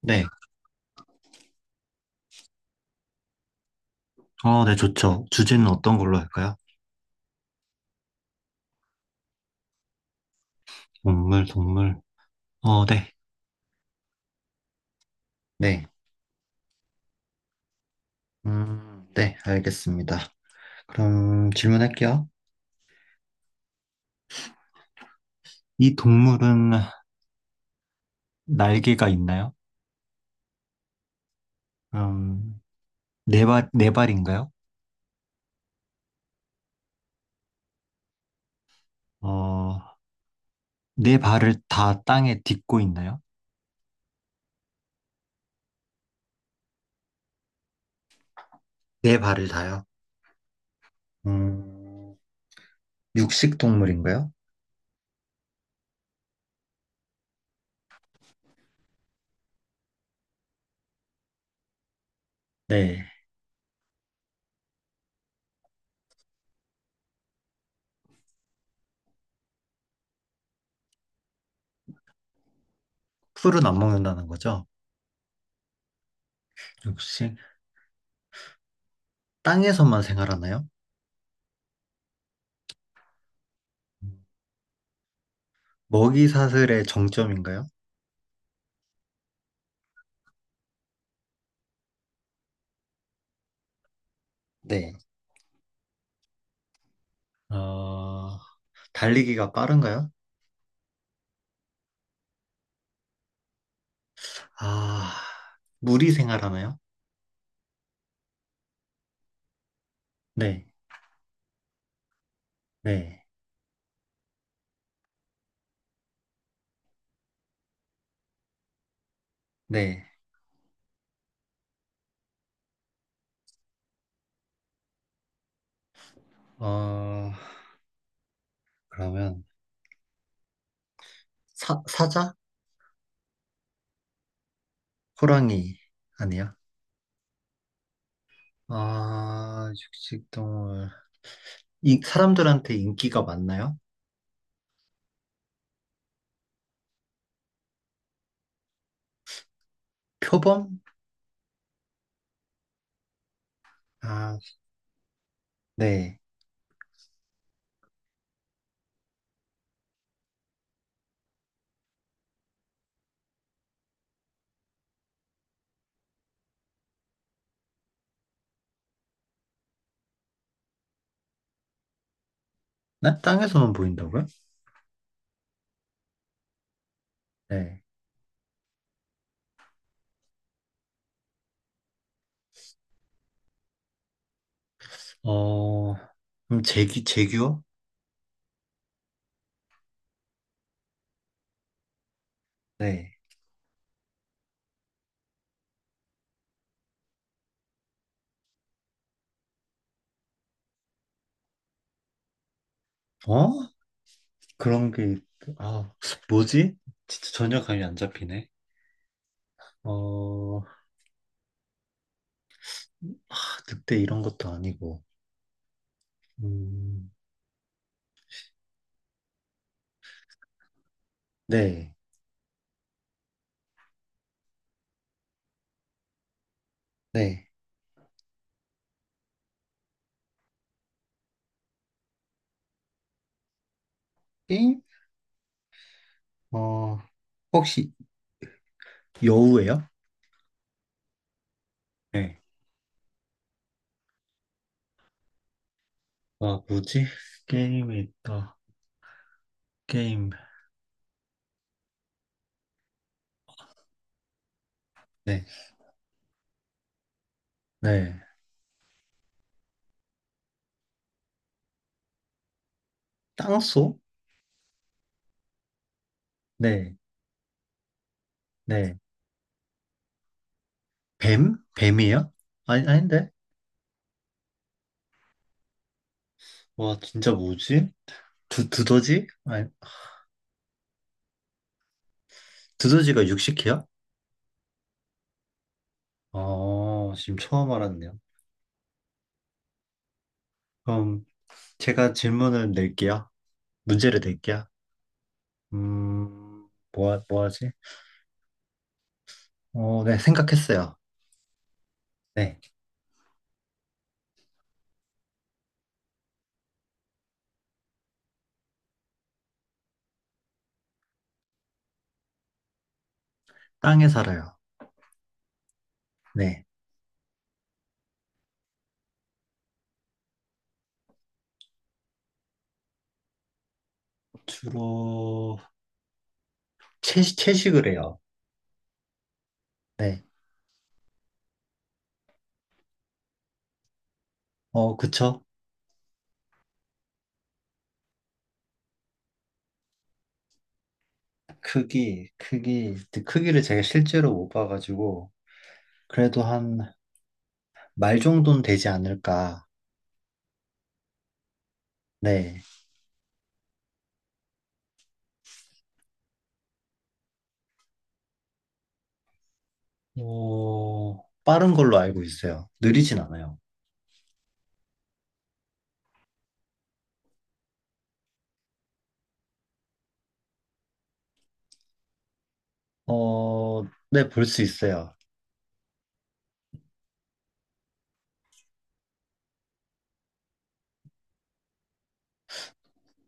네, 네, 좋죠. 주제는 어떤 걸로 할까요? 동물. 어, 네. 네. 네, 알겠습니다. 그럼 질문할게요. 이 동물은 날개가 있나요? 음, 네 발, 네 발인가요? 어, 네 발을 다 땅에 딛고 있나요? 네 발을 다요. 음, 육식 동물인가요? 네. 풀은 안 먹는다는 거죠? 육식. 땅에서만 생활하나요? 먹이 사슬의 정점인가요? 네. 어, 달리기가 빠른가요? 아, 무리 생활하나요? 네, 네, 네. 어, 그러면 사자? 호랑이 아니야? 아, 육식동물. 이 사람들한테 인기가 많나요? 표범? 아, 네. 나 땅에서만 보인다고요? 네. 어, 그럼 제규어? 네. 어? 그런 게, 있- 아, 뭐지? 진짜 전혀 감이 안 잡히네. 어, 아, 늑대 이런 것도 아니고. 음, 네, 네. 게임? 어, 혹시 여우예요? 네. 아, 뭐지? 게임이 있다. 게임. 네, 네. 땅소? 네, 네. 뱀? 뱀이에요? 아니, 아닌데? 와, 진짜 뭐지? 두더지? 아니, 두더지가 육식해요? 아 지금 처음 알았네요. 그럼 제가 질문을 낼게요. 문제를 낼게요. 뭐 하지? 네, 생각했어요. 네. 땅에 살아요. 네. 주로 채식, 채식을 해요. 네. 그쵸? 근데 크기를 제가 실제로 못 봐가지고, 그래도 한 말 정도는 되지 않을까. 네. 빠른 걸로 알고 있어요. 느리진 않아요. 어, 네, 볼 수 있어요.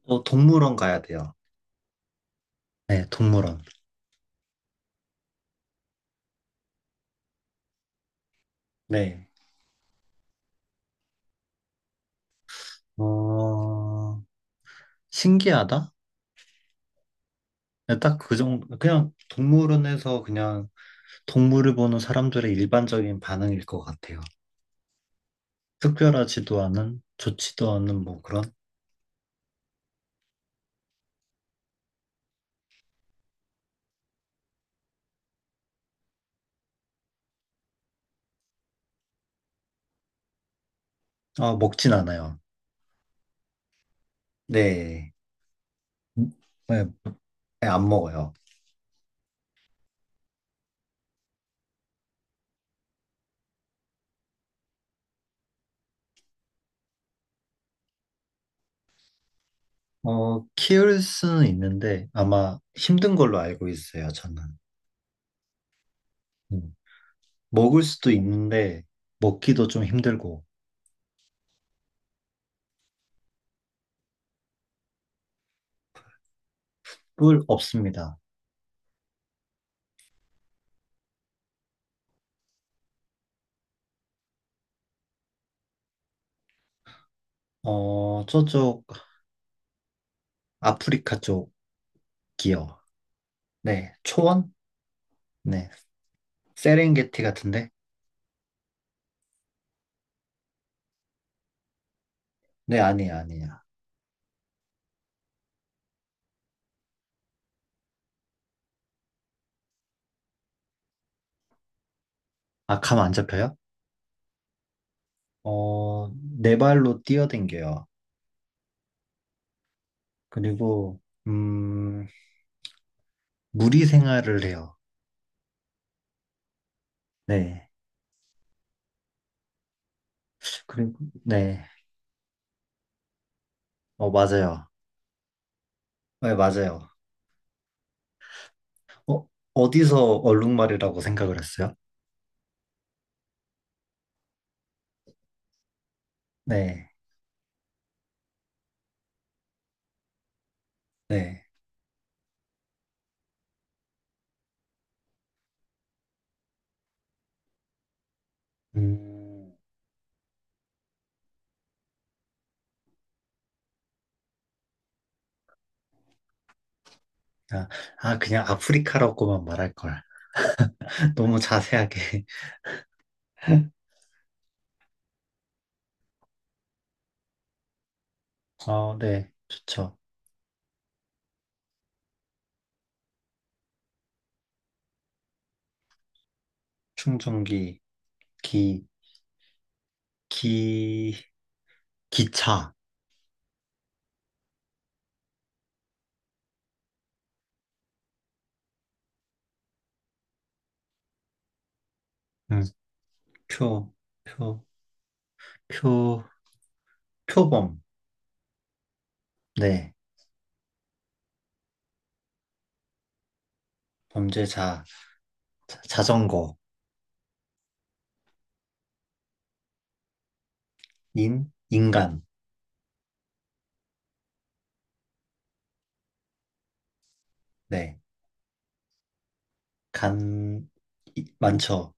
또 동물원 가야 돼요. 네, 동물원. 네. 어, 신기하다? 네, 딱그 정도, 그냥 동물원에서 그냥 동물을 보는 사람들의 일반적인 반응일 것 같아요. 특별하지도 않은, 좋지도 않은 뭐 그런, 아, 먹진 않아요. 네. 음, 네, 네, 안 먹어요. 키울 수는 있는데 아마 힘든 걸로 알고 있어요, 저는. 음. 먹을 수도 있는데 먹기도 좀 힘들고 뿔 없습니다. 저쪽 아프리카 쪽이요. 네, 초원? 네, 세렝게티 같은데? 네, 아니에요. 아, 감 안 잡혀요? 어, 네 발로 뛰어댕겨요. 그리고, 음, 무리 생활을 해요. 네. 그리고, 네. 어, 맞아요. 네, 맞아요. 어, 어디서 얼룩말이라고 생각을 했어요? 네. 네. 음, 아, 아, 그냥 아프리카라고만 말할 걸. 너무 자세하게. 어, 네. 좋죠. 충전기, 기, 기, 기차. 음, 표, 표, 표, 표범. 네. 범죄자. 자전거, 인간. 네. 간, 이- 많죠.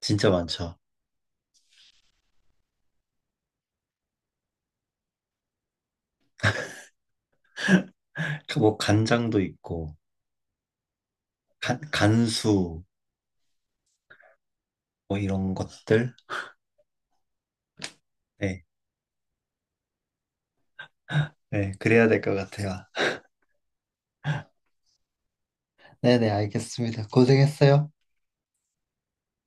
진짜 많죠. 그뭐 간장도 있고, 간수, 뭐 이런 것들. 네. 네. 그래야 될 것 같아요. 네네, 알겠습니다. 고생했어요.